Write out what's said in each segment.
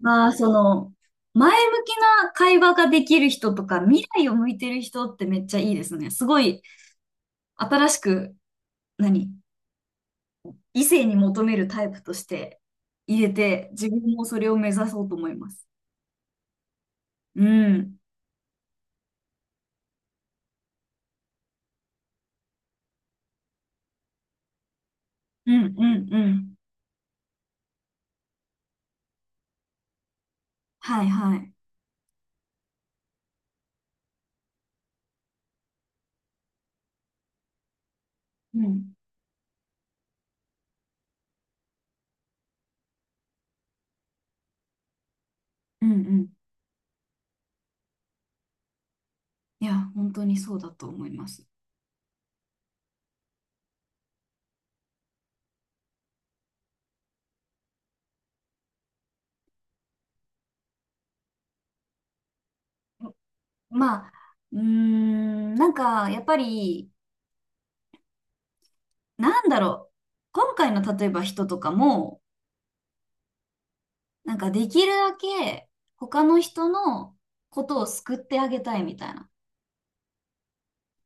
まあ、その、前向きな会話ができる人とか、未来を向いてる人ってめっちゃいいですね。すごい、新しく、何異性に求めるタイプとして入れて、自分もそれを目指そうと思います。うん。うん、うん、うん。はいはい。うん、うん、うん。いや、本当にそうだと思います。まあ、なんか、やっぱり、なんだろう。今回の例えば人とかも、なんかできるだけ他の人のことを救ってあげたいみたいな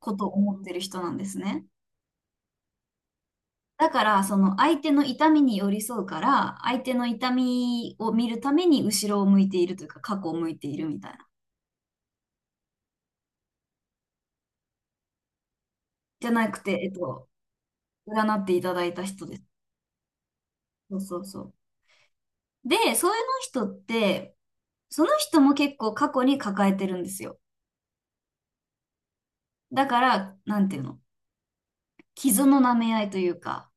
ことを思ってる人なんですね。だからその相手の痛みに寄り添うから相手の痛みを見るために後ろを向いているというか過去を向いているみたいな。じゃなくて、占っていただいた人です。そうそうそう。で、そういうの人ってその人も結構過去に抱えてるんですよ。だから、なんていうの、傷の舐め合いというか、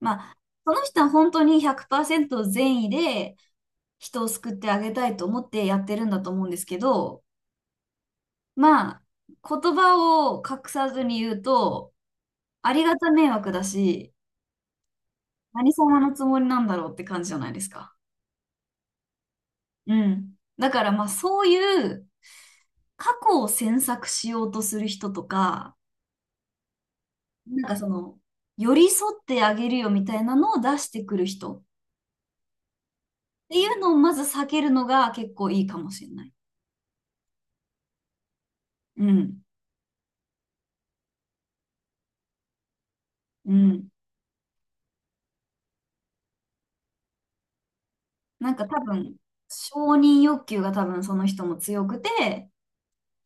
まあ、その人は本当に100%善意で人を救ってあげたいと思ってやってるんだと思うんですけど、まあ、言葉を隠さずに言うと、ありがた迷惑だし、何様のつもりなんだろうって感じじゃないですか。うん。だからまあ、そういう過去を詮索しようとする人とか、なんかその、寄り添ってあげるよみたいなのを出してくる人っていうのをまず避けるのが結構いいかもしれない。うん。うん。なんか多分、承認欲求が多分その人も強くて、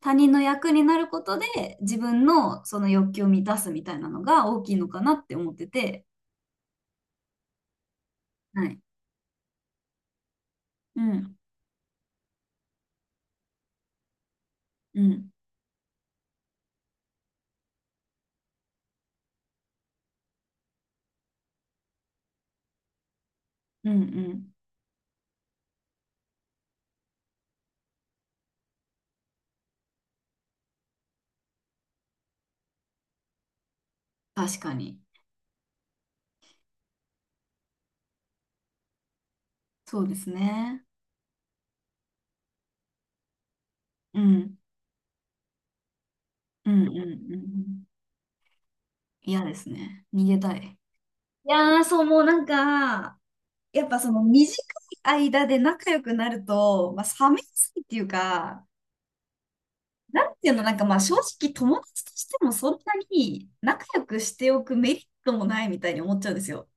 他人の役になることで自分のその欲求を満たすみたいなのが大きいのかなって思ってて。はい。うん。うん。うん。うん。確かに。そうですね。うん。うん。うん。うん。嫌ですね。逃げたい。いやー、そう、もうなんか、やっぱその短い間で仲良くなると、まあ、冷めやすいっていうか、なんていうの、なんかまあ正直友達としてもそんなに仲良くしておくメリットもないみたいに思っちゃうんですよ。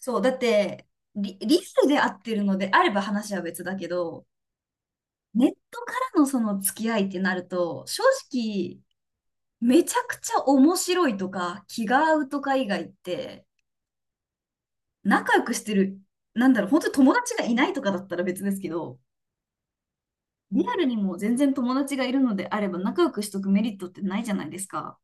そう、だってリアルで会ってるのであれば話は別だけど、ネットからのその付き合いってなると、正直めちゃくちゃ面白いとか気が合うとか以外って、仲良くしてる、なんだろう、本当に友達がいないとかだったら別ですけど、リアルにも全然友達がいるのであれば仲良くしとくメリットってないじゃないですか。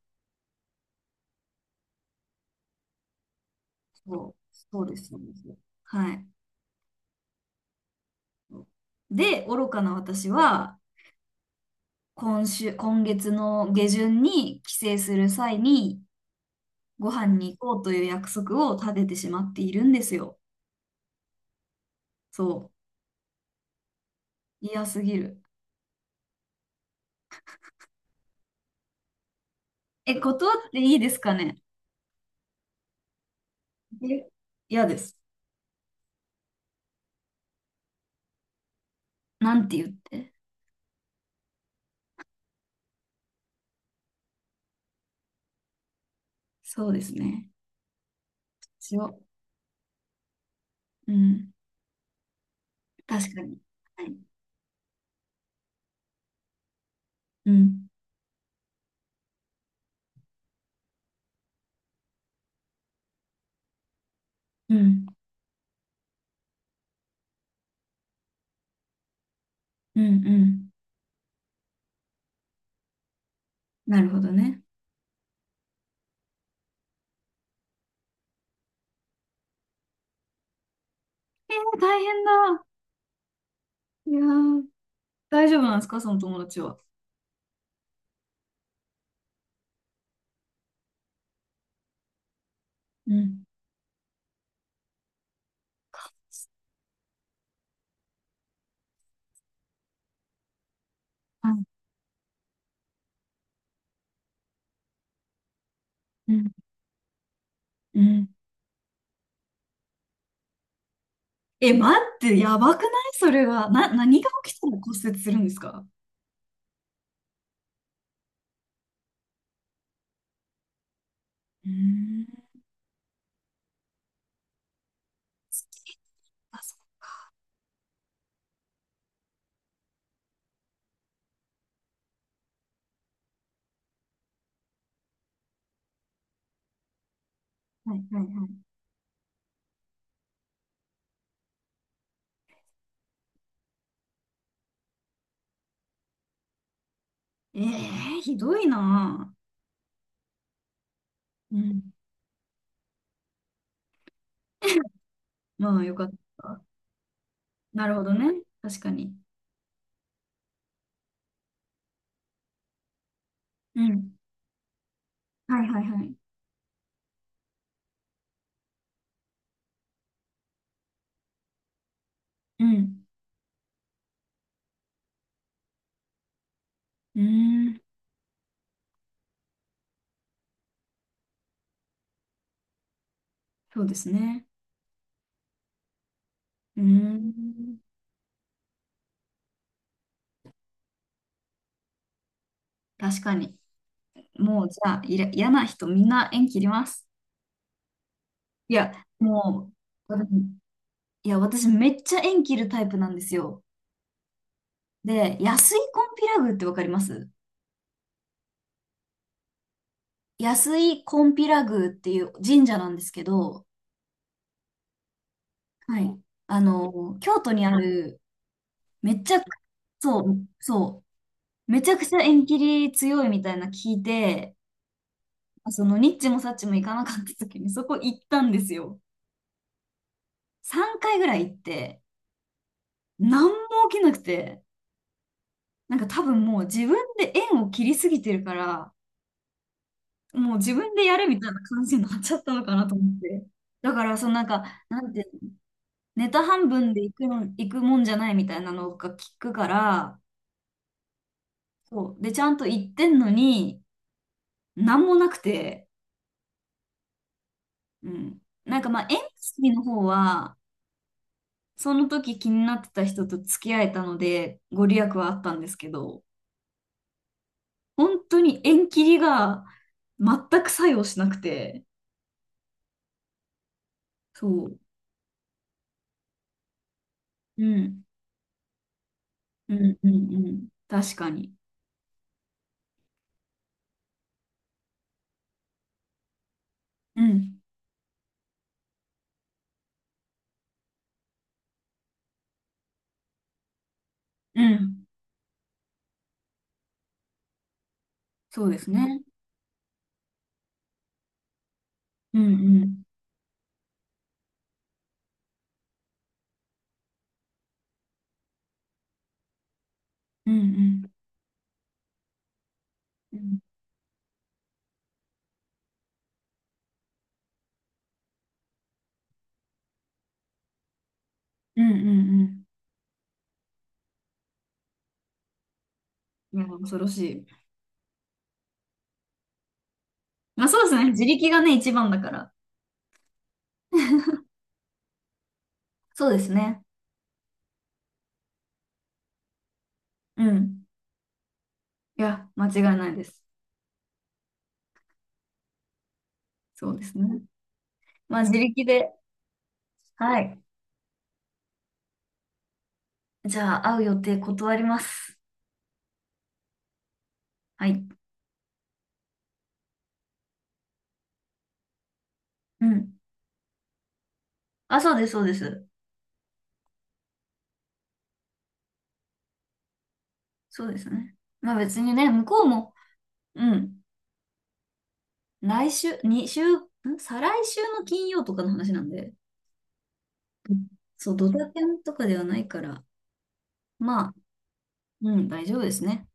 そう、そうです、そうです。はい。で、愚かな私は、今週、今月の下旬に帰省する際に、ご飯に行こうという約束を立ててしまっているんですよ。そう。嫌すぎる。え、断っていいですかね。え、嫌です。なんて言って。そうですね。しよう。うん。確かに。はい。うん。うん。うん。うん。なるほどね。えー、大変だ。いやー、大丈夫なんですかその友達は。うん。あうん。うん。え、待って、やばくないそれは。何が起きたら骨折するんですか。うーん。スキー。あ、そう。はいはいはい。えー、ひどいな。ぁうん。まあ、よかった。なるほどね。確かに。うん。はいはいはい。うん。うーん。そうですね。うーん。確かに。もう、じゃあ、嫌な人、みんな縁切ります。いや、もう、私、いや、私めっちゃ縁切るタイプなんですよ。で、安井コンピラ宮ってわかります？安井コンピラ宮っていう神社なんですけど、はい。あの、京都にある、めちゃく、そう、そう、めちゃくちゃ縁切り強いみたいな聞いて、そのニッチもサッチも行かなかった時にそこ行ったんですよ。3回ぐらい行って、何も起きなくて、なんか多分もう自分で縁を切りすぎてるから、もう自分でやるみたいな感じになっちゃったのかなと思って。だから、そのなんか、なんてネタ半分で行くの、行くもんじゃないみたいなのが聞くから、そう。で、ちゃんと行ってんのに、なんもなくて、うん。なんかまあ、縁結びの方は、その時気になってた人と付き合えたので、ご利益はあったんですけど、本当に縁切りが全く作用しなくて、そう。うん。うん、うん、うん。確かに。うん。うん。そうですね。うん、うん。うん、うん。うん、うん、うん。うん。いや、恐ろしい。まあそうですね。自力がね、一番だから。そうですね。うん。いや、間違いないです。そうですね。まあ自力で。はい。じゃあ、会う予定断ります。はい。うん。あ、そうです、そうです。そうですね。まあ別にね、向こうも、うん。来週、2週、再来週の金曜とかの話なんで、うん。そう、ドタキャンとかではないから、まあ、うん、大丈夫ですね。